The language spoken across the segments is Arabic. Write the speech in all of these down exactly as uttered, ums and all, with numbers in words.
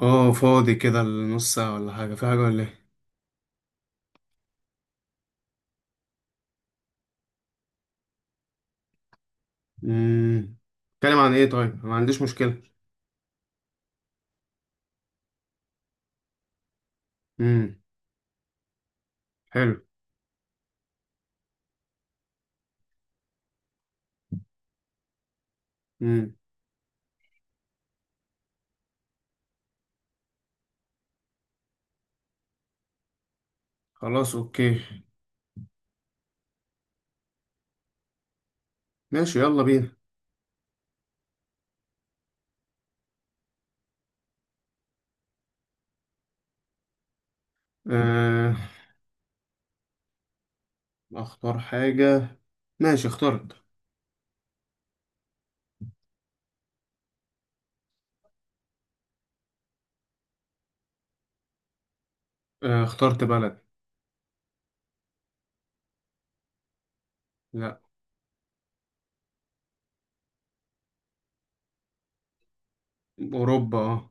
اه، فاضي كده لنص ساعة ولا حاجة، في حاجة ولا ايه؟ امم. اتكلم عن ايه؟ طيب أنا ما عنديش مشكلة. امم. حلو. امم. خلاص اوكي. ماشي يلا بينا. آه اختار حاجة. ماشي اخترت. آه اخترت بلد. لا. اوروبا اه.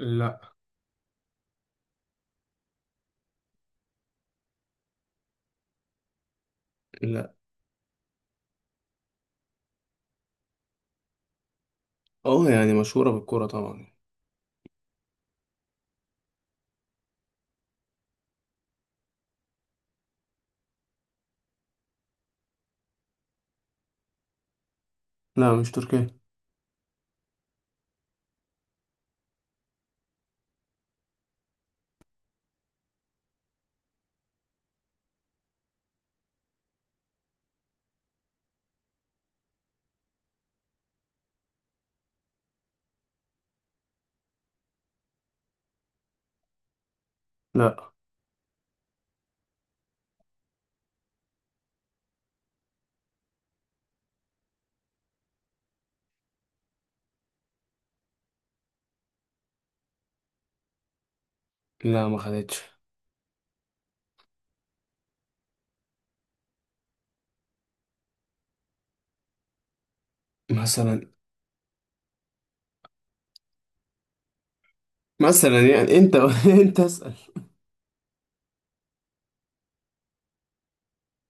لا. لا. اه يعني مشهورة بالكرة طبعا. لا مش تركيا. لا. لا ما خدتش. مثلا. مثلا يعني انت انت اسأل.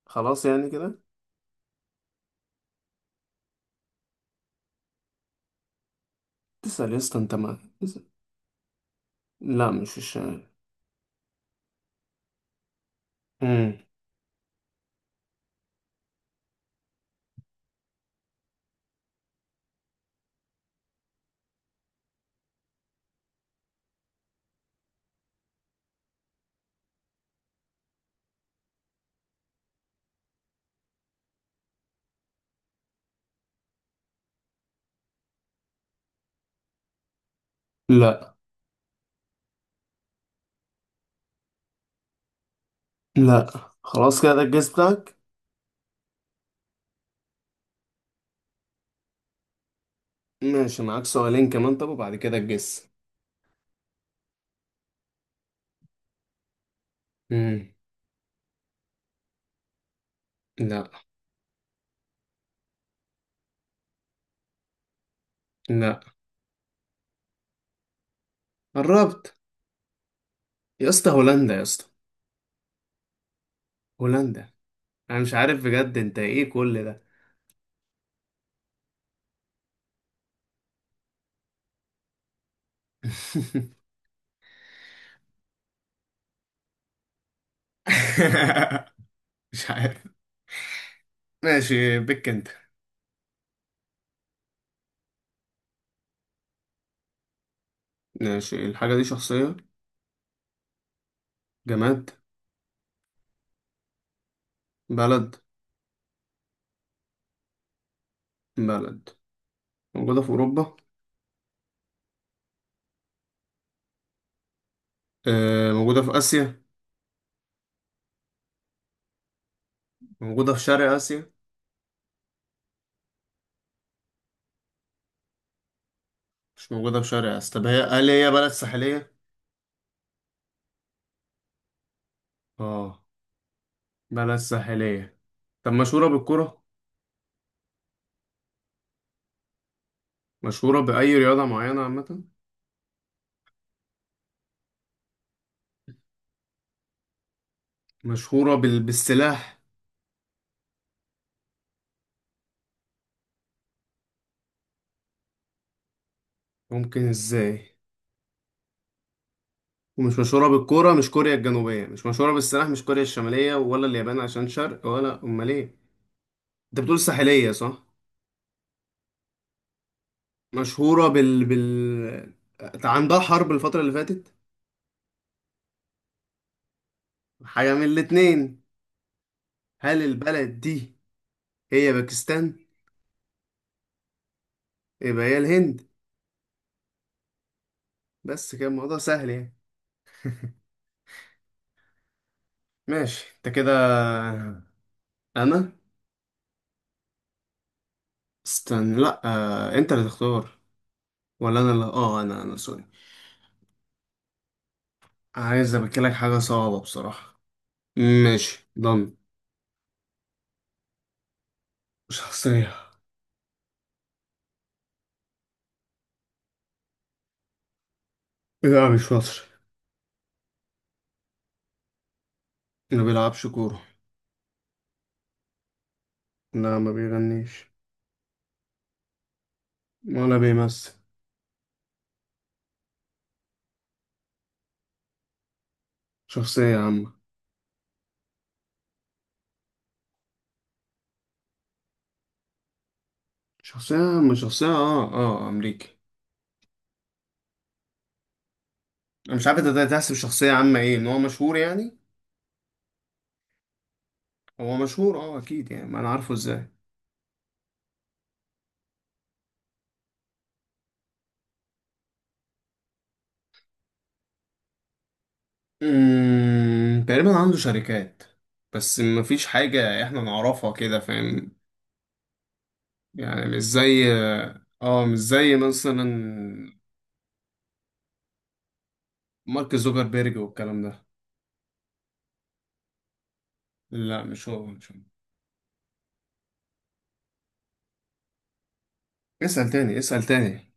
خلاص يعني كده. تسأل يا اسطى، انت ما تسأل. لا مش في الشمال. لا. لا. خلاص كده ده الجس بتاعك. ماشي معاك سؤالين كمان، طب وبعد كده الجس. مم. لا. لا. قربت. يا اسطى هولندا يا اسطى هولندا. انا مش عارف بجد، انت ايه كل ده؟ مش عارف. ماشي بك انت. ماشي الحاجة دي شخصية؟ جماد؟ بلد؟ بلد موجودة في أوروبا؟ آه موجودة في آسيا. موجودة في شرق آسيا. مش موجودة في شرق آسيا. طب هي، هل هي بلد ساحلية؟ اه. بلد ساحلية. طب مشهورة بالكرة؟ مشهورة بأي رياضة معينة عامة؟ مشهورة بال... بالسلاح. ممكن ازاي؟ ومش مشهورة بالكرة، مش كوريا الجنوبية، مش مشهورة بالسلاح، مش كوريا الشمالية ولا اليابان عشان شرق، ولا أمال ايه؟ انت بتقول ساحلية، صح؟ مشهورة بال بال، آه، عندها حرب الفترة اللي فاتت. حاجة من الاتنين. هل البلد دي هي باكستان؟ يبقى هي الهند. بس كده الموضوع سهل يعني. ماشي انت كده. آه، انا، استنى، لا، آه، انت اللي تختار، ولا انا اللي اه، انا انا سوري. عايز ابكلك حاجة صعبة بصراحة. ماشي، ضمن. شخصية. لا مش مصري. ما بيلعبش كورة. لا ما بيغنيش. ولا بيمثل. شخصية عامة. شخصية عامة. شخصية اه اه أمريكي. أنا مش عارف أنت ده تحسب شخصية عامة، إيه إن هو مشهور يعني؟ هو مشهور اه أكيد يعني، ما أنا عارفه إزاي. أمم، تقريبا عنده شركات. بس مفيش حاجة إحنا نعرفها كده، فاهم؟ يعني مش زي، اه مش زي مثلا مارك زوكربيرج والكلام ده. لا مش هو مش هو. اسأل تاني اسأل تاني.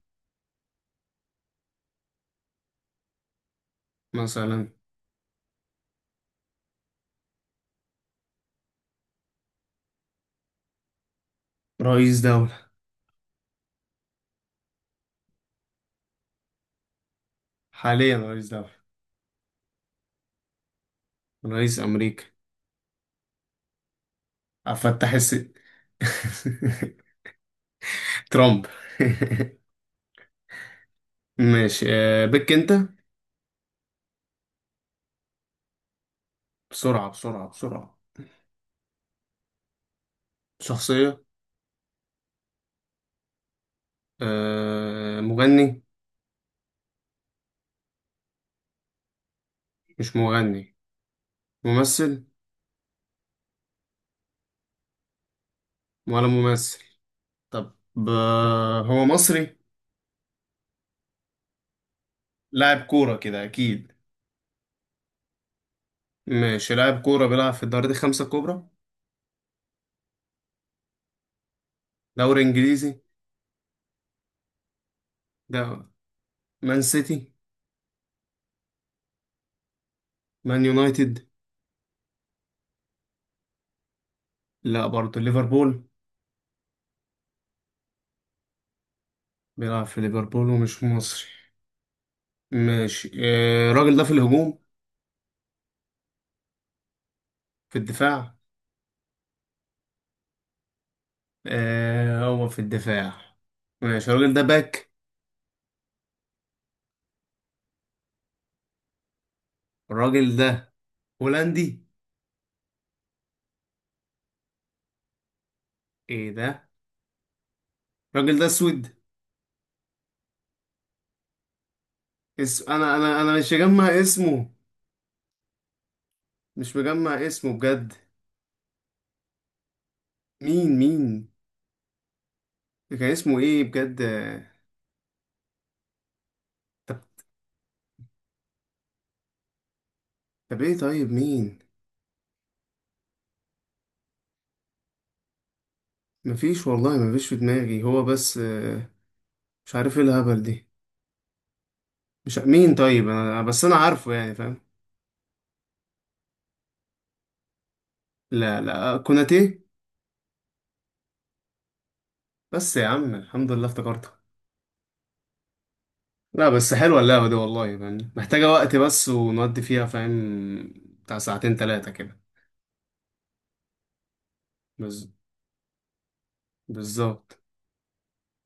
مثلا. رئيس دولة. حاليا رئيس دولة. رئيس أمريكا. أفتح الس ترامب. ماشي. آه، بك أنت. بسرعة بسرعة بسرعة. شخصية. آه، مغني. مش مغني. ممثل. ولا ممثل. طب. آه، هو مصري. لاعب كورة كده أكيد. ماشي لاعب كورة بيلعب في الدوري دي خمسة كبرى. دوري إنجليزي. ده مان سيتي. مان يونايتد. لا برضه. ليفربول. بيلعب في ليفربول ومش مصري. ماشي. آه، الراجل ده في الهجوم. في الدفاع. آه هو في الدفاع. ماشي الراجل ده باك. الراجل ده هولندي. ايه ده؟ الراجل ده اسود. اس... انا انا انا مش مجمع اسمه. مش مجمع اسمه بجد. مين مين؟ كان اسمه ايه بجد آه، طب. طب ايه طيب مين؟ مفيش والله، مفيش في دماغي هو، بس آه، مش عارف ايه الهبل دي. مش ع- مين طيب؟ انا بس انا عارفه يعني، فاهم؟ لا لا كوناتي. بس يا عم الحمد لله افتكرتها. لا بس حلوه اللعبه دي والله، فاهم؟ محتاجه وقت بس ونودي فيها، فاهم؟ بتاع ساعتين ثلاثه كده. بز... بالظبط.